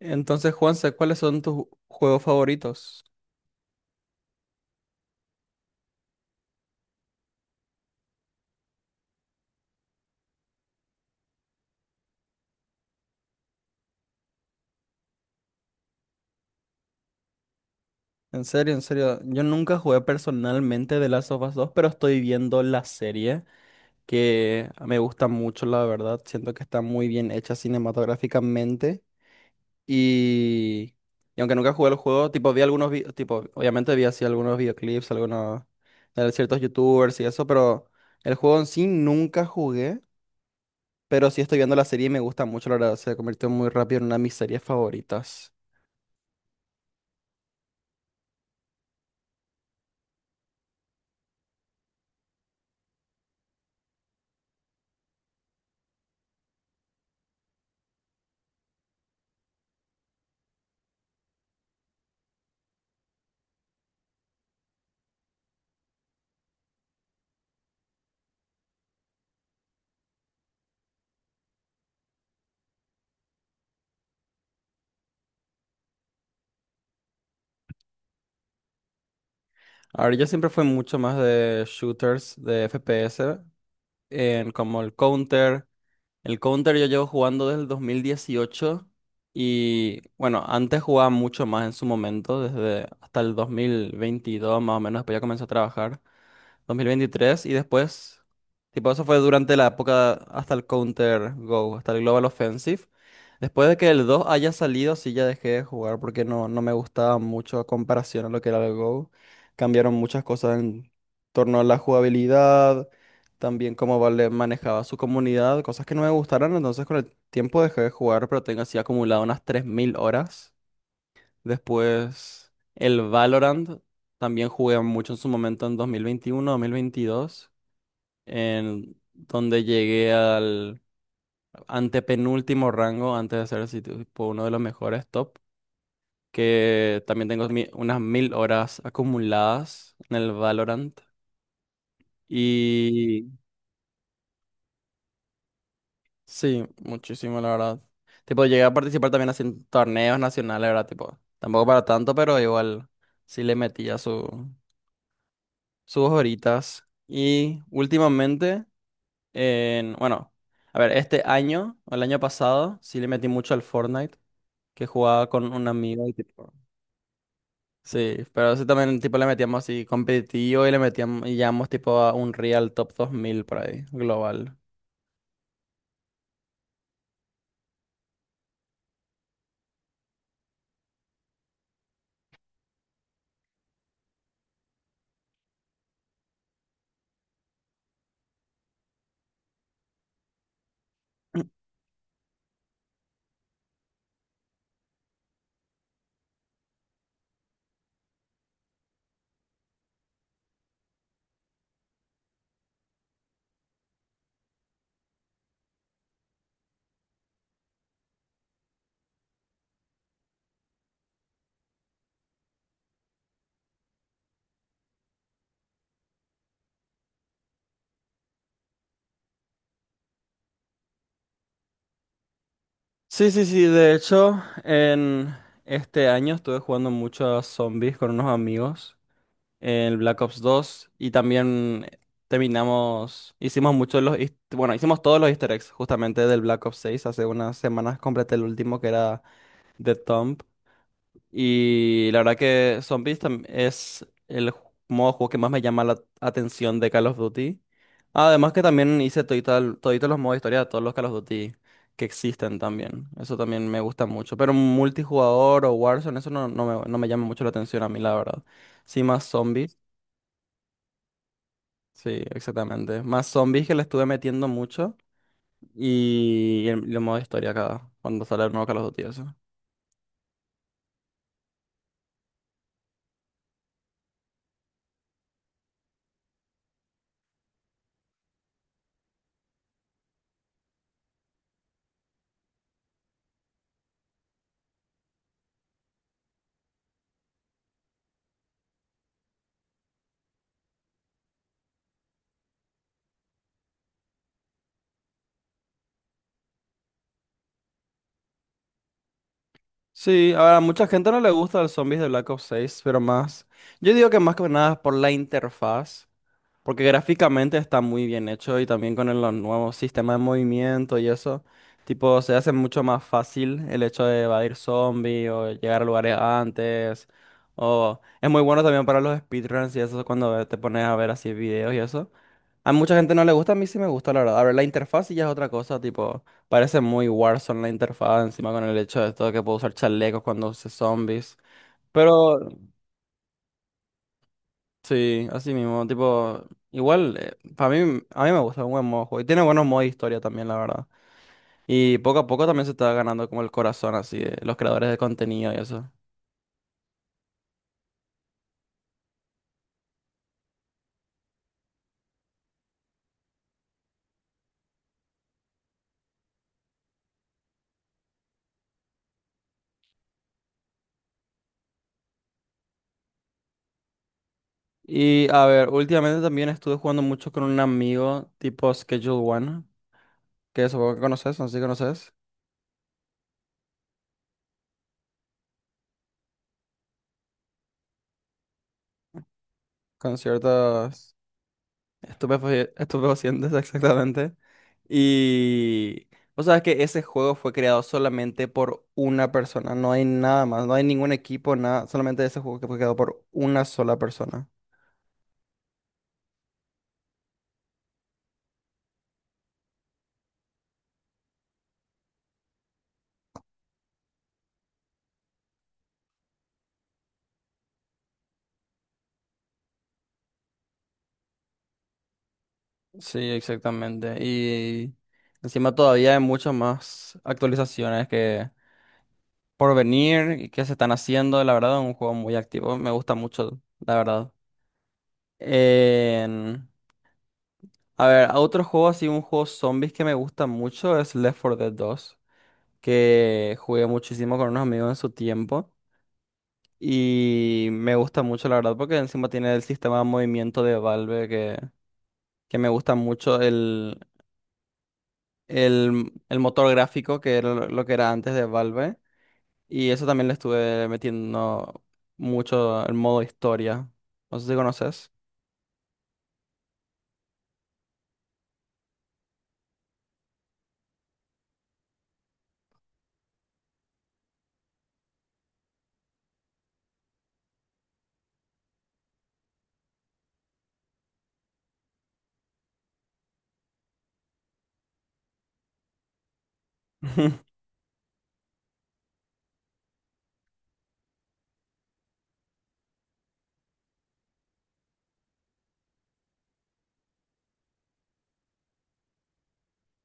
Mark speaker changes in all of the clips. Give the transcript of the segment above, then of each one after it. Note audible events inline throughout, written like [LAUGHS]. Speaker 1: Entonces, Juanse, ¿cuáles son tus juegos favoritos? En serio, yo nunca jugué personalmente de Last of Us 2, pero estoy viendo la serie que me gusta mucho, la verdad. Siento que está muy bien hecha cinematográficamente y, y aunque nunca jugué el juego, tipo tipo obviamente vi así algunos videoclips, algunos de ciertos YouTubers y eso, pero el juego en sí nunca jugué, pero sí estoy viendo la serie y me gusta mucho, la verdad. Se convirtió muy rápido en una de mis series favoritas. A ver, yo siempre fui mucho más de shooters, de FPS, en como el Counter. El Counter yo llevo jugando desde el 2018 y bueno, antes jugaba mucho más en su momento, desde hasta el 2022 más o menos, después ya comencé a trabajar 2023 y después, tipo, eso fue durante la época hasta el Counter Go, hasta el Global Offensive. Después de que el 2 haya salido, sí ya dejé de jugar porque no me gustaba mucho a comparación a lo que era el Go. Cambiaron muchas cosas en torno a la jugabilidad, también cómo Valve manejaba su comunidad, cosas que no me gustaron, entonces con el tiempo dejé de jugar, pero tengo así acumulado unas 3000 horas. Después, el Valorant también jugué mucho en su momento en 2021 2022 en donde llegué al antepenúltimo rango antes de ser así tipo uno de los mejores top, que también tengo unas 1000 horas acumuladas en el Valorant. Y sí, muchísimo, la verdad. Tipo, llegué a participar también así en torneos nacionales, ¿verdad? Tipo, tampoco para tanto, pero igual sí le metía su. Sus horitas. Y últimamente, bueno, a ver, este año, o el año pasado, sí le metí mucho al Fortnite, que jugaba con un amigo y tipo... Sí, pero sí también tipo le metíamos así competitivo y le metíamos y llegamos tipo a un Real Top 2000 por ahí, global. Sí, sí, sí, de hecho, en este año estuve jugando mucho a zombies con unos amigos. El Black Ops 2 y también terminamos, hicimos muchos de los, bueno, hicimos todos los easter eggs justamente del Black Ops 6. Hace unas semanas completé el último que era The Tomb. Y la verdad que Zombies es el modo de juego que más me llama la atención de Call of Duty. Además que también hice toditos los modos de historia de todos los Call of Duty que existen también. Eso también me gusta mucho. Pero multijugador o Warzone, eso no, no me llama mucho la atención a mí, la verdad. Sí, más zombies. Sí, exactamente. Más zombies que le estuve metiendo mucho y el modo historia acá, cuando sale el nuevo Call of Duty, eso. Sí, ahora a mucha gente no le gusta el zombies de Black Ops 6, pero más. Yo digo que más que nada por la interfaz, porque gráficamente está muy bien hecho y también con el nuevo sistema de movimiento y eso. Tipo, se hace mucho más fácil el hecho de evadir zombies o llegar a lugares antes. O es muy bueno también para los speedruns y eso cuando te pones a ver así videos y eso. A mucha gente no le gusta, a mí sí me gusta, la verdad. A ver, la interfaz sí ya es otra cosa, tipo, parece muy Warzone la interfaz, encima con el hecho de todo que puedo usar chalecos cuando use zombies. Pero sí, así mismo, tipo, igual, para mí, a mí me gusta, es un buen modo de juego. Y tiene buenos modos de historia también, la verdad. Y poco a poco también se está ganando como el corazón, así, de los creadores de contenido y eso. Y a ver, últimamente también estuve jugando mucho con un amigo tipo Schedule One, que supongo que conoces, no sé si conoces, con ciertas... Estupefacientes, exactamente. Y vos sabés que ese juego fue creado solamente por una persona, no hay nada más, no hay ningún equipo, nada, solamente ese juego que fue creado por una sola persona. Sí, exactamente. Y encima todavía hay muchas más actualizaciones que por venir y que se están haciendo. La verdad, es un juego muy activo. Me gusta mucho, la verdad. En- A ver, otro juego así, un juego zombies que me gusta mucho es Left 4 Dead 2, que jugué muchísimo con unos amigos en su tiempo y me gusta mucho, la verdad, porque encima tiene el sistema de movimiento de Valve, que me gusta mucho, el motor gráfico que era lo que era antes de Valve, y eso también le estuve metiendo mucho el modo historia. No sé si conoces. [LAUGHS]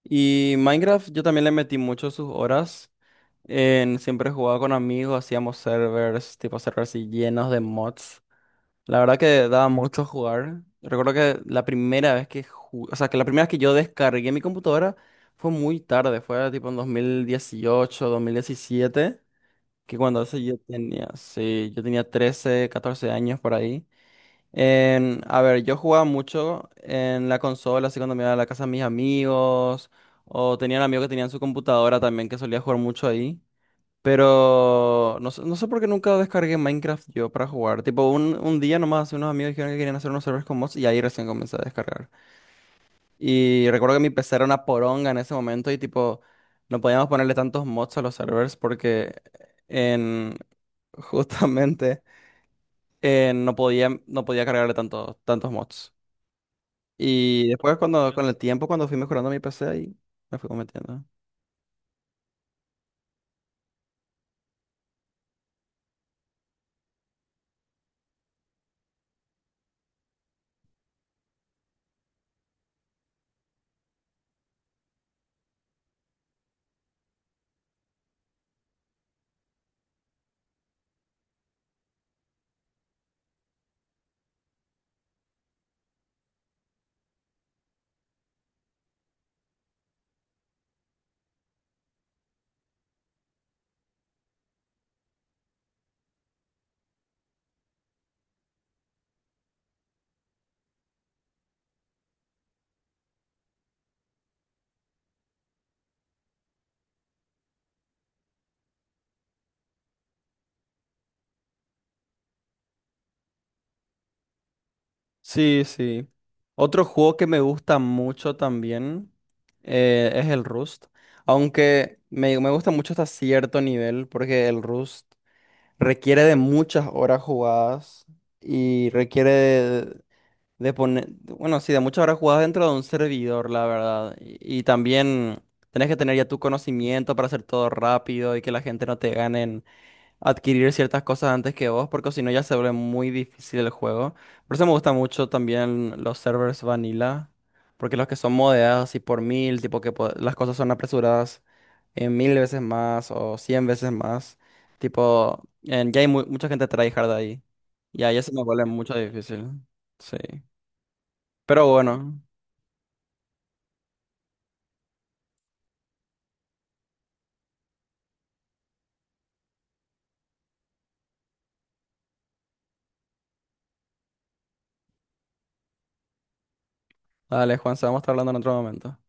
Speaker 1: Y Minecraft yo también le metí mucho sus horas. Siempre jugaba con amigos, hacíamos servers, tipo servers así llenos de mods. La verdad que daba mucho jugar. Recuerdo que la primera vez que o sea, que la primera vez que yo descargué mi computadora fue muy tarde, fue tipo en 2018 2017, que cuando eso yo tenía, sí, yo tenía 13 14 años por ahí. A ver, yo jugaba mucho en la consola, así cuando me iba a la casa de mis amigos, o tenía un amigo que tenía en su computadora también que solía jugar mucho ahí. Pero no, no sé por qué nunca descargué Minecraft yo para jugar. Tipo, un día nomás unos amigos dijeron que querían hacer unos servers con mods y ahí recién comencé a descargar. Y recuerdo que mi PC era una poronga en ese momento y tipo, no podíamos ponerle tantos mods a los servers porque en [LAUGHS] justamente no podía cargarle tantos mods. Y después cuando, con el tiempo, cuando fui mejorando mi PC, ahí me fui cometiendo. Sí, sí. Otro juego que me gusta mucho también, es el Rust. Aunque me gusta mucho hasta cierto nivel, porque el Rust requiere de muchas horas jugadas y requiere de poner, bueno, sí, de muchas horas jugadas dentro de un servidor, la verdad. Y también tenés que tener ya tu conocimiento para hacer todo rápido y que la gente no te gane adquirir ciertas cosas antes que vos, porque si no ya se vuelve muy difícil el juego. Por eso me gusta mucho también los servers vanilla, porque los que son modeados y por mil, tipo que las cosas son apresuradas en 1000 veces más o 100 veces más, tipo, ya hay mucha gente tryhard ahí, y ahí se me vuelve mucho difícil, sí. Pero bueno, dale Juan, se vamos a estar hablando en otro momento.